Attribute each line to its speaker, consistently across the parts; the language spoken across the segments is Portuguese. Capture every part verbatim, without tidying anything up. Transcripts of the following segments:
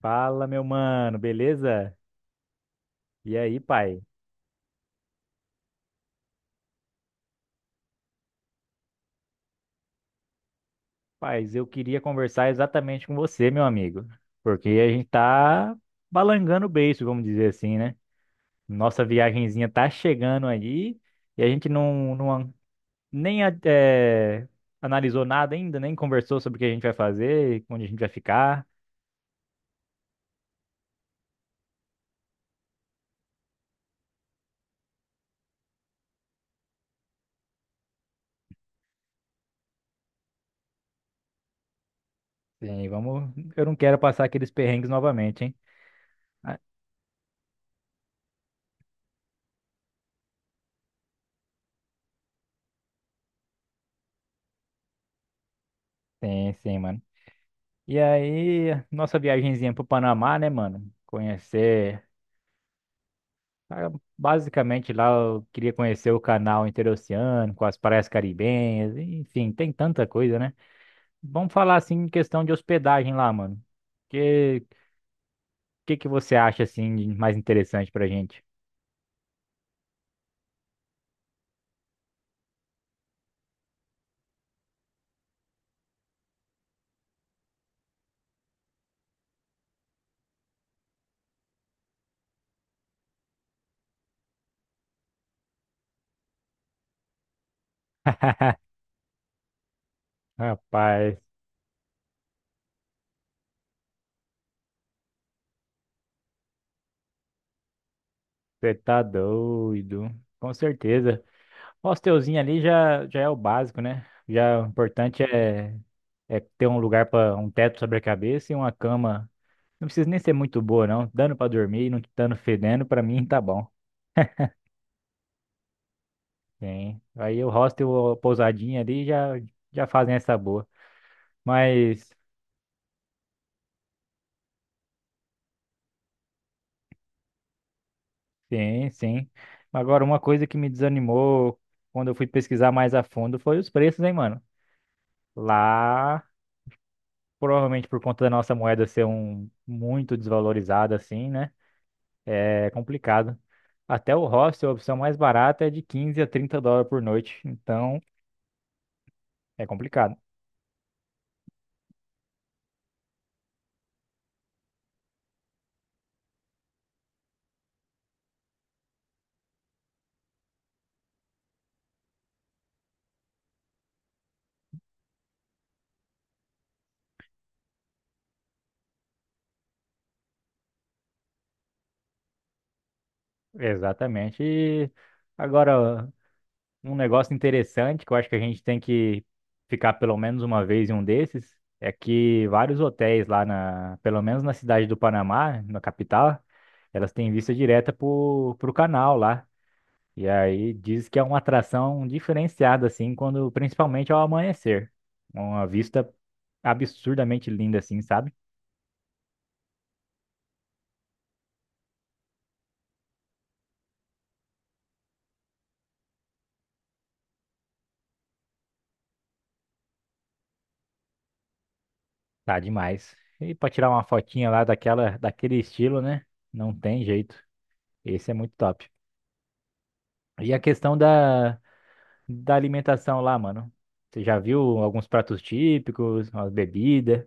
Speaker 1: Fala, meu mano, beleza? E aí, pai? Paz, eu queria conversar exatamente com você, meu amigo, porque a gente tá balangando o beiço, vamos dizer assim, né? Nossa viagenzinha tá chegando aí e a gente não, não nem a- eh, analisou nada ainda, nem conversou sobre o que a gente vai fazer, onde a gente vai ficar. Sim, vamos. Eu não quero passar aqueles perrengues novamente, hein? Ah, sim, sim, mano. E aí, nossa viagenzinha pro Panamá, né, mano? Conhecer. Ah, basicamente lá eu queria conhecer o canal interoceânico, com as praias caribenhas, enfim, tem tanta coisa, né? Vamos falar assim em questão de hospedagem lá, mano. Que que que você acha assim de mais interessante pra gente? Rapaz, você tá doido. Com certeza. O hostelzinho ali já já é o básico, né? Já o importante é é ter um lugar para um teto sobre a cabeça e uma cama. Não precisa nem ser muito boa, não. Dando pra dormir, e não dando fedendo, pra mim tá bom. Sim. Aí o hostel, ou pousadinha ali já, já fazem essa boa. Mas, sim, sim. Agora, uma coisa que me desanimou quando eu fui pesquisar mais a fundo foi os preços, hein, mano? Lá, provavelmente por conta da nossa moeda ser um muito desvalorizada, assim, né? É complicado. Até o hostel, a opção mais barata é de quinze a trinta dólares por noite. Então, é complicado. Exatamente. E agora, um negócio interessante que eu acho que a gente tem que ficar pelo menos uma vez em um desses é que vários hotéis lá na, pelo menos na cidade do Panamá, na capital, elas têm vista direta pro, pro canal lá. E aí diz que é uma atração diferenciada assim, quando principalmente ao amanhecer. Uma vista absurdamente linda assim, sabe? Tá demais. E pra tirar uma fotinha lá daquela daquele estilo, né? Não tem jeito. Esse é muito top. E a questão da da alimentação lá, mano? Você já viu alguns pratos típicos, umas bebidas,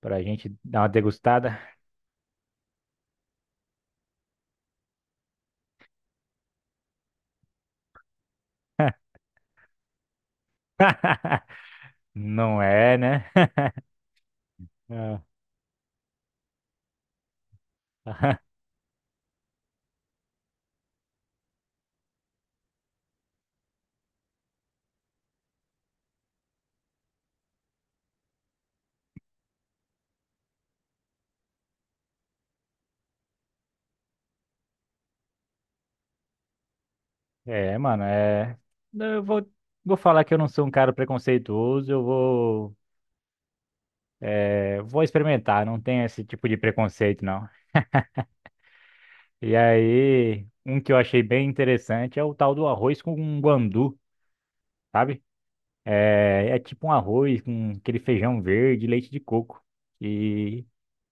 Speaker 1: pra gente dar uma degustada? Não é, né? Ah. É, mano, é. Eu vou, vou falar que eu não sou um cara preconceituoso, eu vou, é, vou experimentar, não tem esse tipo de preconceito, não. E aí, um que eu achei bem interessante é o tal do arroz com guandu, sabe? É, é tipo um arroz com aquele feijão verde, e leite de coco. E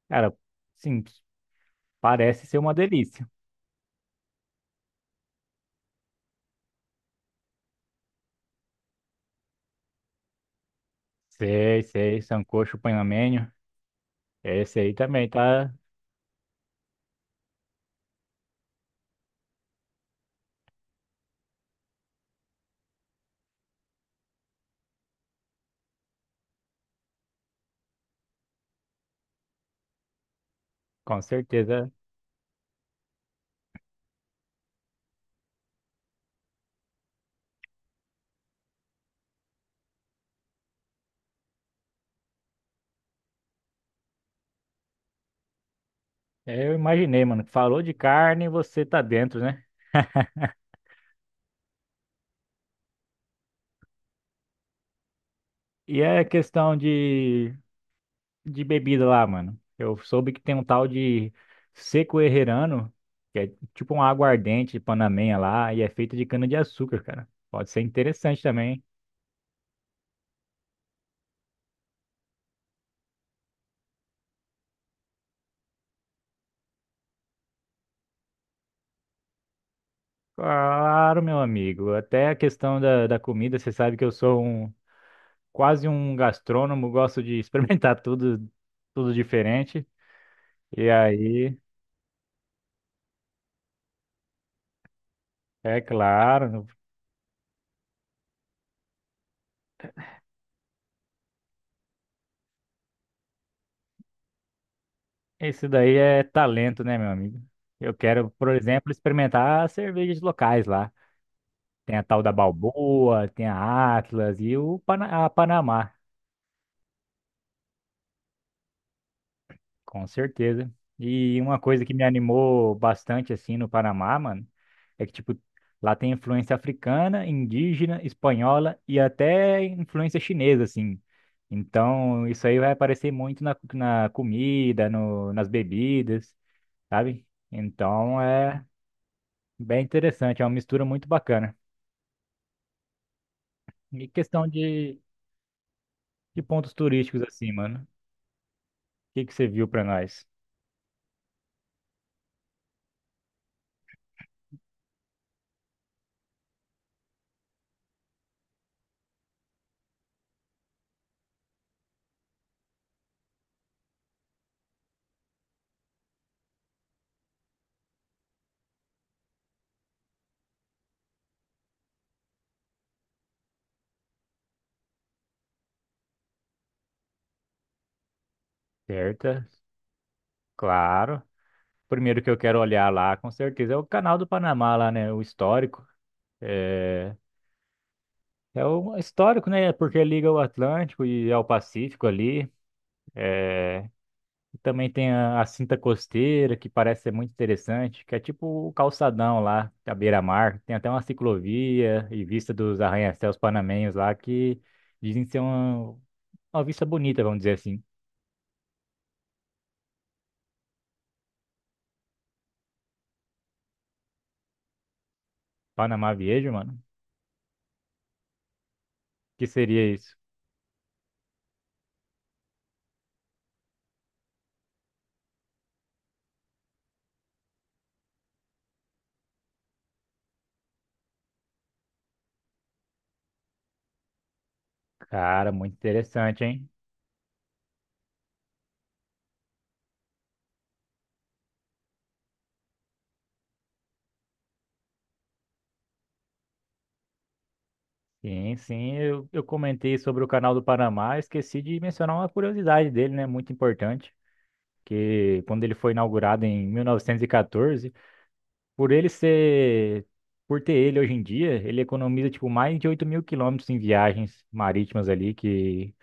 Speaker 1: cara, sim, parece ser uma delícia. Sei, sei, sancocho panamenho. Esse aí também tá, com certeza. É, eu imaginei, mano. Falou de carne, você tá dentro, né? E é questão de, de bebida lá, mano. Eu soube que tem um tal de seco herrerano, que é tipo uma aguardente panamenha lá, e é feita de cana-de-açúcar, cara. Pode ser interessante também. Claro, meu amigo. Até a questão da, da comida, você sabe que eu sou um. Quase um gastrônomo, gosto de experimentar tudo, tudo diferente. E aí, é claro, isso daí é talento, né, meu amigo? Eu quero, por exemplo, experimentar as cervejas locais lá. Tem a tal da Balboa, tem a Atlas e o Pana- a Panamá. Com certeza. E uma coisa que me animou bastante assim no Panamá, mano, é que tipo lá tem influência africana, indígena, espanhola e até influência chinesa assim. Então, isso aí vai aparecer muito na, na comida, no, nas bebidas, sabe? Então, é bem interessante, é uma mistura muito bacana. E questão de, de pontos turísticos assim, mano. O que que você viu pra nós? Certa? Claro. Primeiro que eu quero olhar lá, com certeza, é o canal do Panamá lá, né? O histórico. É o histórico, né? Porque liga o Atlântico e ao Pacífico ali. E também tem a, a cinta costeira, que parece ser muito interessante, que é tipo o calçadão lá, à beira-mar. Tem até uma ciclovia e vista dos arranha-céus panamenhos lá, que dizem ser uma, uma vista bonita, vamos dizer assim. Panamá Viejo, mano. Que seria isso? Cara, muito interessante, hein? Sim, sim, eu, eu comentei sobre o canal do Panamá, esqueci de mencionar uma curiosidade dele, né, muito importante, que quando ele foi inaugurado em mil novecentos e catorze, por ele ser, por ter ele hoje em dia, ele economiza, tipo, mais de oito mil quilômetros em viagens marítimas ali, que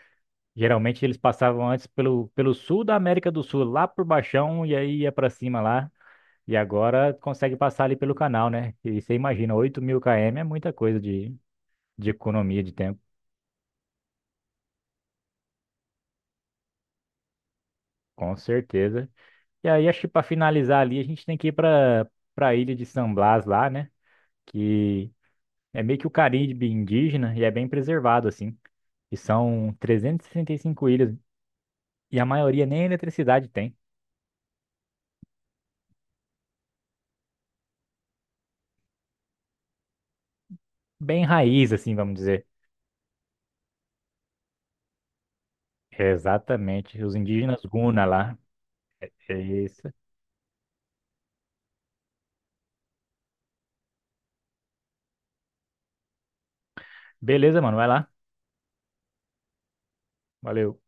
Speaker 1: geralmente eles passavam antes pelo, pelo sul da América do Sul, lá por Baixão, e aí ia pra cima lá, e agora consegue passar ali pelo canal, né, e você imagina, oito mil quilômetros é muita coisa de, de economia de tempo, com certeza. E aí, acho que para finalizar ali, a gente tem que ir para para a ilha de San Blas lá, né? Que é meio que o Caribe indígena e é bem preservado, assim. E são e e sessenta e cinco ilhas e a maioria nem eletricidade tem. Bem raiz, assim, vamos dizer. É exatamente. Os indígenas Guna lá. É isso. Beleza, mano, vai lá. Valeu.